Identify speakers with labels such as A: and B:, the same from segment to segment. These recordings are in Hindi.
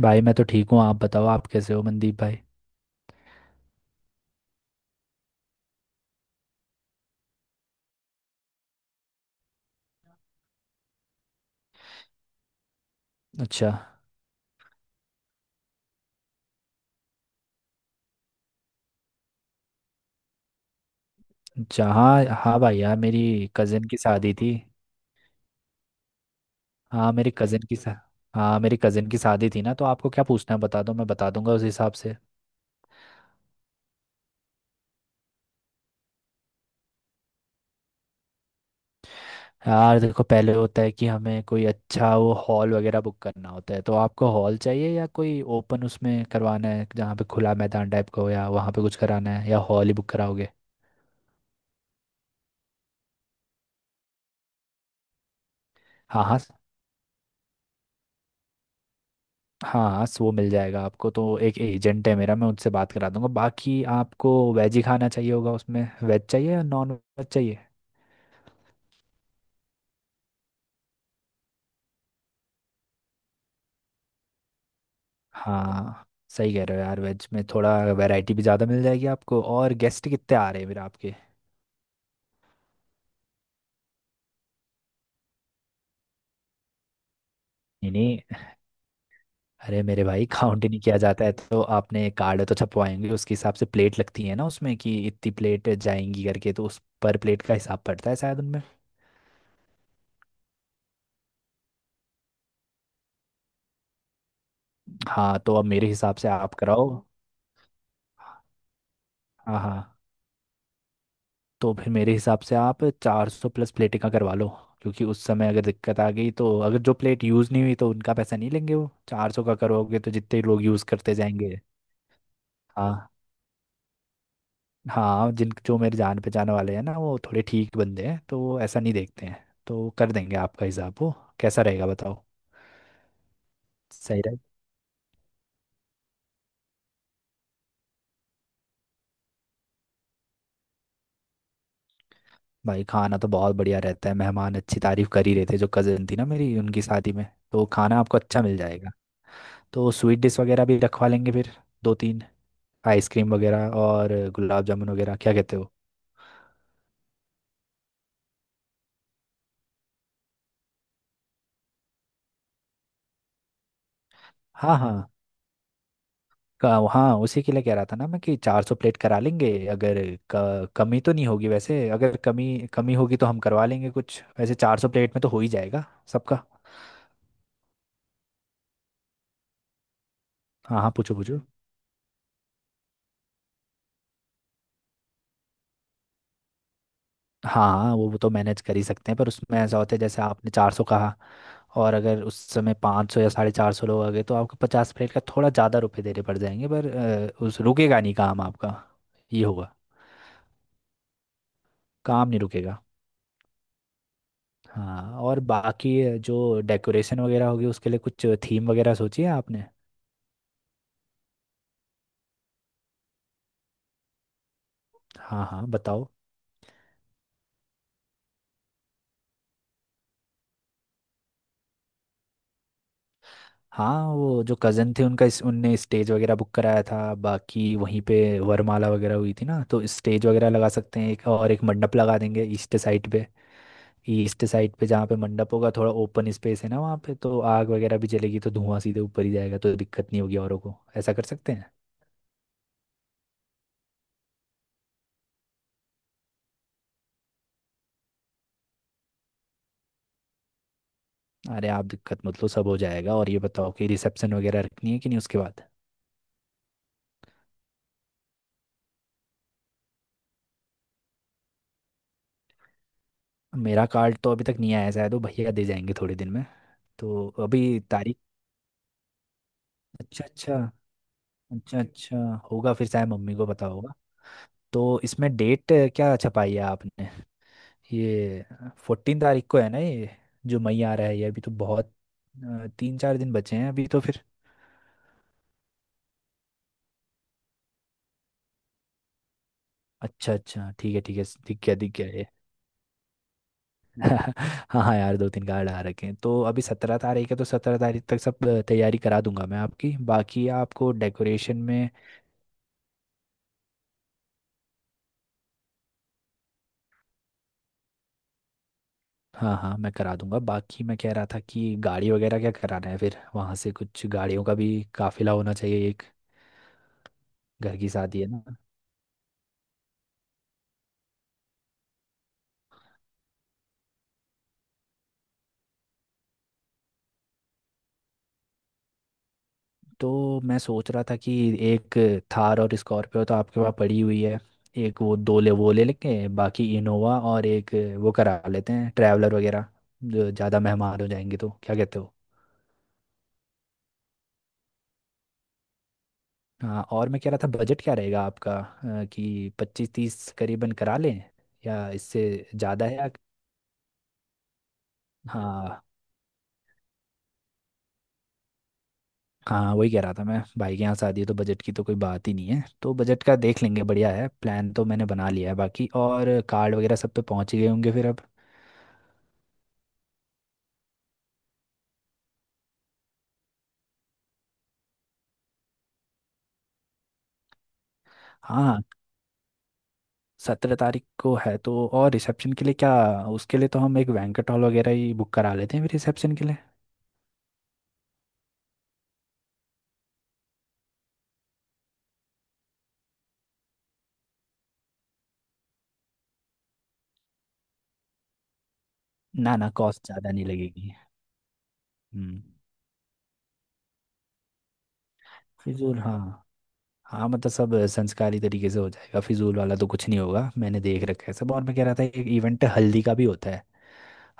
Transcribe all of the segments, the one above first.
A: भाई मैं तो ठीक हूँ। आप बताओ, आप कैसे हो मनदीप भाई? अच्छा। अच्छा। हाँ हाँ भाई यार, मेरी कज़न की शादी थी। हाँ मेरी कज़न की शा- हाँ मेरी कज़न की शादी थी ना, तो आपको क्या पूछना है बता दो, मैं बता दूंगा उस हिसाब से। यार देखो, पहले होता है कि हमें कोई अच्छा वो हॉल वगैरह बुक करना होता है। तो आपको हॉल चाहिए या कोई ओपन उसमें करवाना है जहाँ पे खुला मैदान टाइप का हो, या वहाँ पे कुछ कराना है, या हॉल ही बुक कराओगे? हाँ हाँ। हाँ वो मिल जाएगा आपको, तो एक एजेंट है मेरा, मैं उनसे बात करा दूंगा। बाकी आपको वेज ही खाना चाहिए होगा उसमें। वेज चाहिए या नॉन वेज चाहिए? हाँ। सही कह रहे हो यार, वेज में थोड़ा वैरायटी भी ज़्यादा मिल जाएगी आपको। और गेस्ट कितने आ रहे हैं फिर आपके? नहीं नहीं, अरे मेरे भाई, काउंट ही नहीं किया जाता है तो? आपने कार्ड तो छपवाएंगे, उसके हिसाब से प्लेट लगती है ना उसमें, कि इतनी प्लेट जाएंगी करके, तो उस पर प्लेट का हिसाब पड़ता है शायद उनमें। हाँ तो अब मेरे हिसाब से आप कराओ। हाँ हाँ। तो फिर मेरे हिसाब से आप 400 प्लस प्लेटें का करवा लो। क्योंकि उस समय अगर दिक्कत आ गई तो अगर जो प्लेट यूज़ नहीं हुई तो उनका पैसा नहीं लेंगे। वो 400 का करोगे तो जितने लोग यूज़ करते जाएंगे। हाँ। हाँ जिन जो मेरे जान पहचान वाले हैं ना, वो थोड़े ठीक बंदे हैं, तो वो ऐसा नहीं देखते हैं, तो कर देंगे आपका हिसाब वो। कैसा रहेगा बताओ? सही रहे। भाई खाना तो बहुत बढ़िया रहता है, मेहमान अच्छी तारीफ कर ही रहे थे जो कज़न थी ना मेरी उनकी शादी में। तो खाना आपको अच्छा मिल जाएगा। तो स्वीट डिश वगैरह भी रखवा लेंगे फिर। दो तीन आइसक्रीम वगैरह और गुलाब जामुन वगैरह, क्या कहते हो? हाँ हाँ। हाँ उसी के लिए कह रहा था ना मैं, कि 400 प्लेट करा लेंगे अगर, कमी तो नहीं होगी वैसे। अगर कमी कमी होगी तो हम करवा लेंगे कुछ, वैसे 400 प्लेट में तो हो ही जाएगा सबका। हाँ हाँ पूछो पूछो। हाँ हाँ, वो तो मैनेज कर ही सकते हैं, पर उसमें ऐसा होता है जैसे आपने 400 कहा, और अगर उस समय 500 या 450 लोग आ गए तो आपको 50 प्लेट का थोड़ा ज़्यादा रुपए देने पड़ जाएंगे, पर उस रुकेगा नहीं काम आपका। ये होगा। काम नहीं रुकेगा। हाँ और बाकी जो डेकोरेशन वगैरह होगी उसके लिए कुछ थीम वगैरह सोची है आपने? हाँ हाँ बताओ। हाँ वो जो कज़न थे उनका उनने स्टेज वगैरह बुक कराया था, बाकी वहीं पे वरमाला वगैरह हुई थी ना, तो स्टेज वगैरह लगा सकते हैं एक, और एक मंडप लगा देंगे ईस्ट साइड पे। ईस्ट साइड पे जहाँ पे मंडप होगा, थोड़ा ओपन स्पेस है ना वहाँ पे, तो आग वगैरह भी जलेगी तो धुआं सीधे ऊपर ही जाएगा, तो दिक्कत नहीं होगी औरों को, ऐसा कर सकते हैं। अरे आप दिक्कत मत लो, सब हो जाएगा। और ये बताओ कि रिसेप्शन वगैरह रखनी है कि नहीं उसके बाद? मेरा कार्ड तो अभी तक नहीं आया है, शायद वो भैया दे जाएंगे थोड़े दिन में। तो अभी तारीख। अच्छा अच्छा। अच्छा अच्छा, होगा फिर, शायद मम्मी को पता होगा। तो इसमें डेट क्या छपाई है आपने ये? 14 तारीख को है ना ये? जो मई आ रहा है ये, अभी तो बहुत तीन चार दिन बचे हैं अभी तो फिर। अच्छा अच्छा, ठीक है ठीक है, दिख गया ये। हाँ हाँ यार, दो तीन कार्ड आ रखे हैं तो, अभी 17 तारीख है तो 17 तारीख तक सब तैयारी करा दूंगा मैं आपकी, बाकी आपको डेकोरेशन में। हाँ हाँ मैं करा दूंगा। बाकी मैं कह रहा था कि गाड़ी वगैरह क्या कराना है फिर, वहाँ से कुछ गाड़ियों का भी काफिला होना चाहिए एक, घर की शादी है ना। तो मैं सोच रहा था कि एक थार और स्कॉर्पियो तो आपके पास पड़ी हुई है, एक वो दो ले, वो ले लेंगे, बाकी इनोवा और एक वो करा लेते हैं ट्रैवलर वगैरह, जो ज़्यादा मेहमान हो जाएंगे, तो क्या कहते हो? हाँ, और मैं कह रहा था बजट क्या रहेगा आपका, कि पच्चीस तीस करीबन करा लें, या इससे ज़्यादा है, या? हाँ। हाँ वही कह रहा था मैं, भाई के यहाँ शादी है तो बजट की तो कोई बात ही नहीं है, तो बजट का देख लेंगे, बढ़िया है। प्लान तो मैंने बना लिया है बाकी, और कार्ड वगैरह सब पे पहुँच ही गए होंगे फिर अब। हाँ 17 तारीख को है तो, और रिसेप्शन के लिए क्या? उसके लिए तो हम एक बैंक्वेट हॉल वगैरह ही बुक करा लेते हैं फिर रिसेप्शन के लिए। ना ना कॉस्ट ज़्यादा नहीं लगेगी। हम्म। फिजूल, हाँ। हाँ मतलब सब संस्कारी तरीके से हो जाएगा, फिजूल वाला तो कुछ नहीं होगा, मैंने देख रखा है सब। और मैं कह रहा था एक इवेंट हल्दी का भी होता है।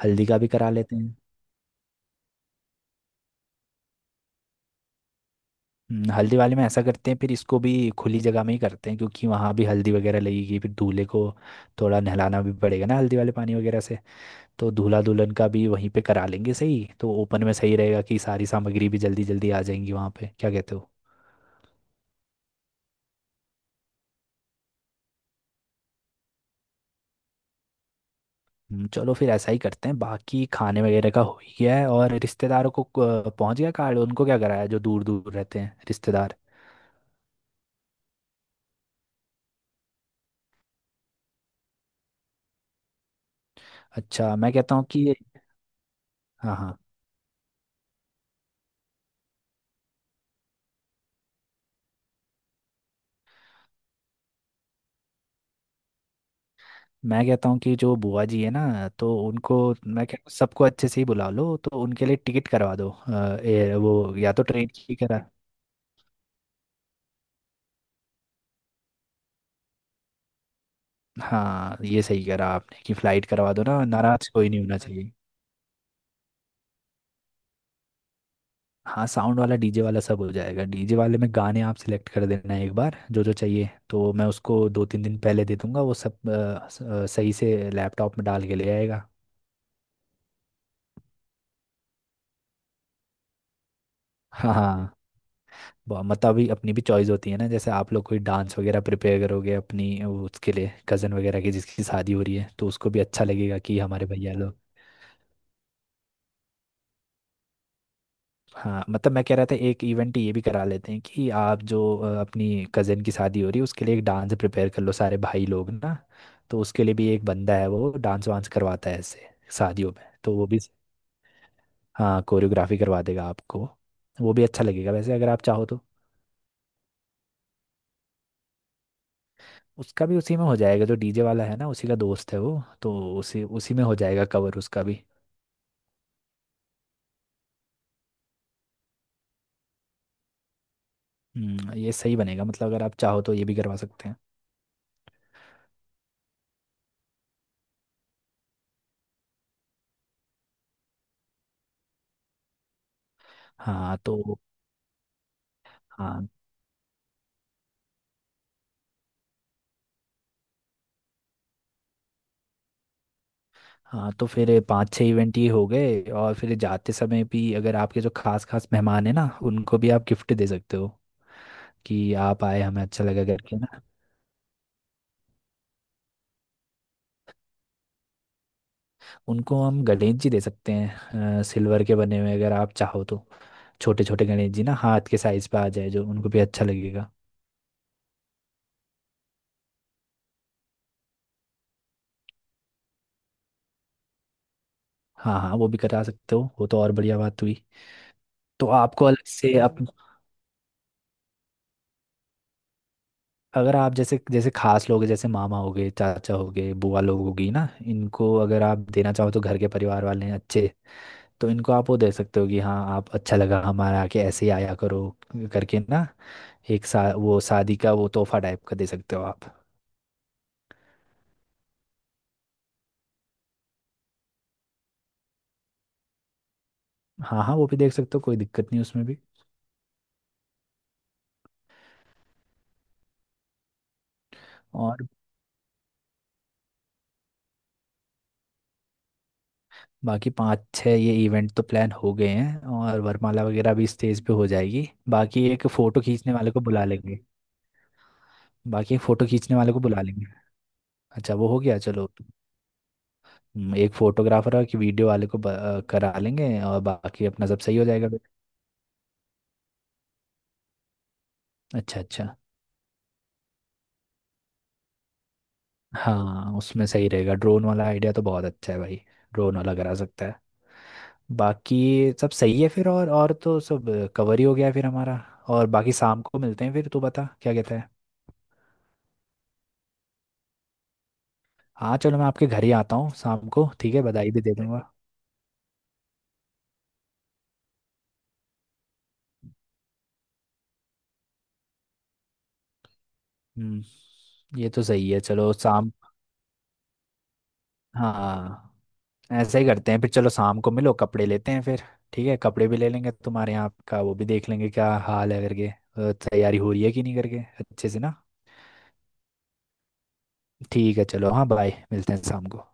A: हल्दी का भी करा लेते हैं। हल्दी वाले में ऐसा करते हैं फिर, इसको भी खुली जगह में ही करते हैं, क्योंकि वहाँ भी हल्दी वगैरह लगेगी फिर दूल्हे को थोड़ा नहलाना भी पड़ेगा ना हल्दी वाले पानी वगैरह से, तो दूल्हा दुल्हन का भी वहीं पे करा लेंगे। सही तो, ओपन में सही रहेगा कि सारी सामग्री भी जल्दी जल्दी आ जाएंगी वहाँ पे, क्या कहते हो? चलो फिर ऐसा ही करते हैं। बाकी खाने वगैरह का हो ही गया है। और रिश्तेदारों को पहुंच गया कार्ड उनको, क्या कराया जो दूर दूर रहते हैं रिश्तेदार? अच्छा मैं कहता हूँ कि, हाँ हाँ। मैं कहता हूँ कि जो बुआ जी है ना तो उनको, मैं कहता हूँ सबको अच्छे से ही बुला लो, तो उनके लिए टिकट करवा दो वो या तो ट्रेन की करा। हाँ ये सही करा आपने कि फ्लाइट करवा दो ना, नाराज कोई नहीं होना चाहिए। हाँ साउंड वाला डीजे वाला सब हो जाएगा, डीजे वाले में गाने आप सिलेक्ट कर देना एक बार जो जो चाहिए, तो मैं उसको दो तीन दिन पहले दे दूंगा, वो सब सही से लैपटॉप में डाल के ले आएगा। हाँ हाँ। मतलब अभी अपनी भी चॉइस होती है ना, जैसे आप लोग कोई डांस वगैरह प्रिपेयर करोगे अपनी वो, उसके लिए कज़न वगैरह की जिसकी शादी हो रही है तो उसको भी अच्छा लगेगा कि हमारे भैया लोग। हाँ मतलब मैं कह रहा था एक इवेंट ये भी करा लेते हैं कि आप जो अपनी कज़न की शादी हो रही है उसके लिए एक डांस प्रिपेयर कर लो सारे भाई लोग ना, तो उसके लिए भी एक बंदा है वो डांस वांस करवाता है ऐसे शादियों में, तो वो भी। हाँ कोरियोग्राफी करवा देगा आपको, वो भी अच्छा लगेगा वैसे, अगर आप चाहो तो। उसका भी उसी में हो जाएगा जो डीजे वाला है ना, उसी का दोस्त है वो तो, उसी उसी में हो जाएगा कवर उसका भी। ये सही बनेगा, मतलब अगर आप चाहो तो ये भी करवा सकते हैं। हाँ तो। हाँ हाँ तो फिर पांच छह इवेंट ये हो गए, और फिर जाते समय भी अगर आपके जो खास खास मेहमान हैं ना, उनको भी आप गिफ्ट दे सकते हो कि आप आए हमें अच्छा लगा करके ना। उनको हम गणेश जी दे सकते हैं सिल्वर के बने हुए, अगर आप चाहो तो, छोटे छोटे गणेश जी ना हाथ के साइज पे आ जाए, जो उनको भी अच्छा लगेगा। हाँ हाँ वो भी करा सकते हो, वो तो और बढ़िया बात हुई तो आपको अलग से अप, अगर आप जैसे जैसे खास लोग हैं, जैसे मामा हो गए चाचा हो गए बुआ लोग होगी ना इनको अगर आप देना चाहो तो घर के परिवार वाले हैं अच्छे तो इनको आप वो दे सकते हो कि हाँ आप अच्छा लगा हमारे आके ऐसे ही आया करो करके ना एक सा वो शादी का वो तोहफा टाइप का दे सकते हो आप हाँ हाँ वो भी देख सकते हो कोई दिक्कत नहीं उसमें भी। और बाकी पाँच छः ये इवेंट तो प्लान हो गए हैं, और वरमाला वगैरह भी स्टेज पे हो जाएगी, बाकी एक फ़ोटो खींचने वाले को बुला लेंगे, बाकी एक फोटो खींचने वाले को बुला लेंगे। अच्छा वो हो गया चलो। एक फोटोग्राफर और एक वीडियो वाले को करा लेंगे, और बाकी अपना सब सही हो जाएगा फिर। अच्छा अच्छा। हाँ उसमें सही रहेगा, ड्रोन वाला आइडिया तो बहुत अच्छा है भाई, ड्रोन वाला करा सकता है, बाकी सब सही है फिर। और तो सब कवर ही हो गया है फिर हमारा। और बाकी शाम को मिलते हैं फिर, तू बता क्या कहता है? हाँ चलो मैं आपके घर ही आता हूँ शाम को, ठीक है, बधाई भी दे दूंगा। हम्म ये तो सही है, चलो शाम। हाँ ऐसा ही करते हैं फिर, चलो शाम को मिलो, कपड़े लेते हैं फिर। ठीक है कपड़े भी ले लेंगे, तुम्हारे यहाँ का वो भी देख लेंगे क्या हाल है करके, तैयारी हो रही है कि नहीं करके अच्छे से ना। ठीक है चलो, हाँ बाय, मिलते हैं शाम को।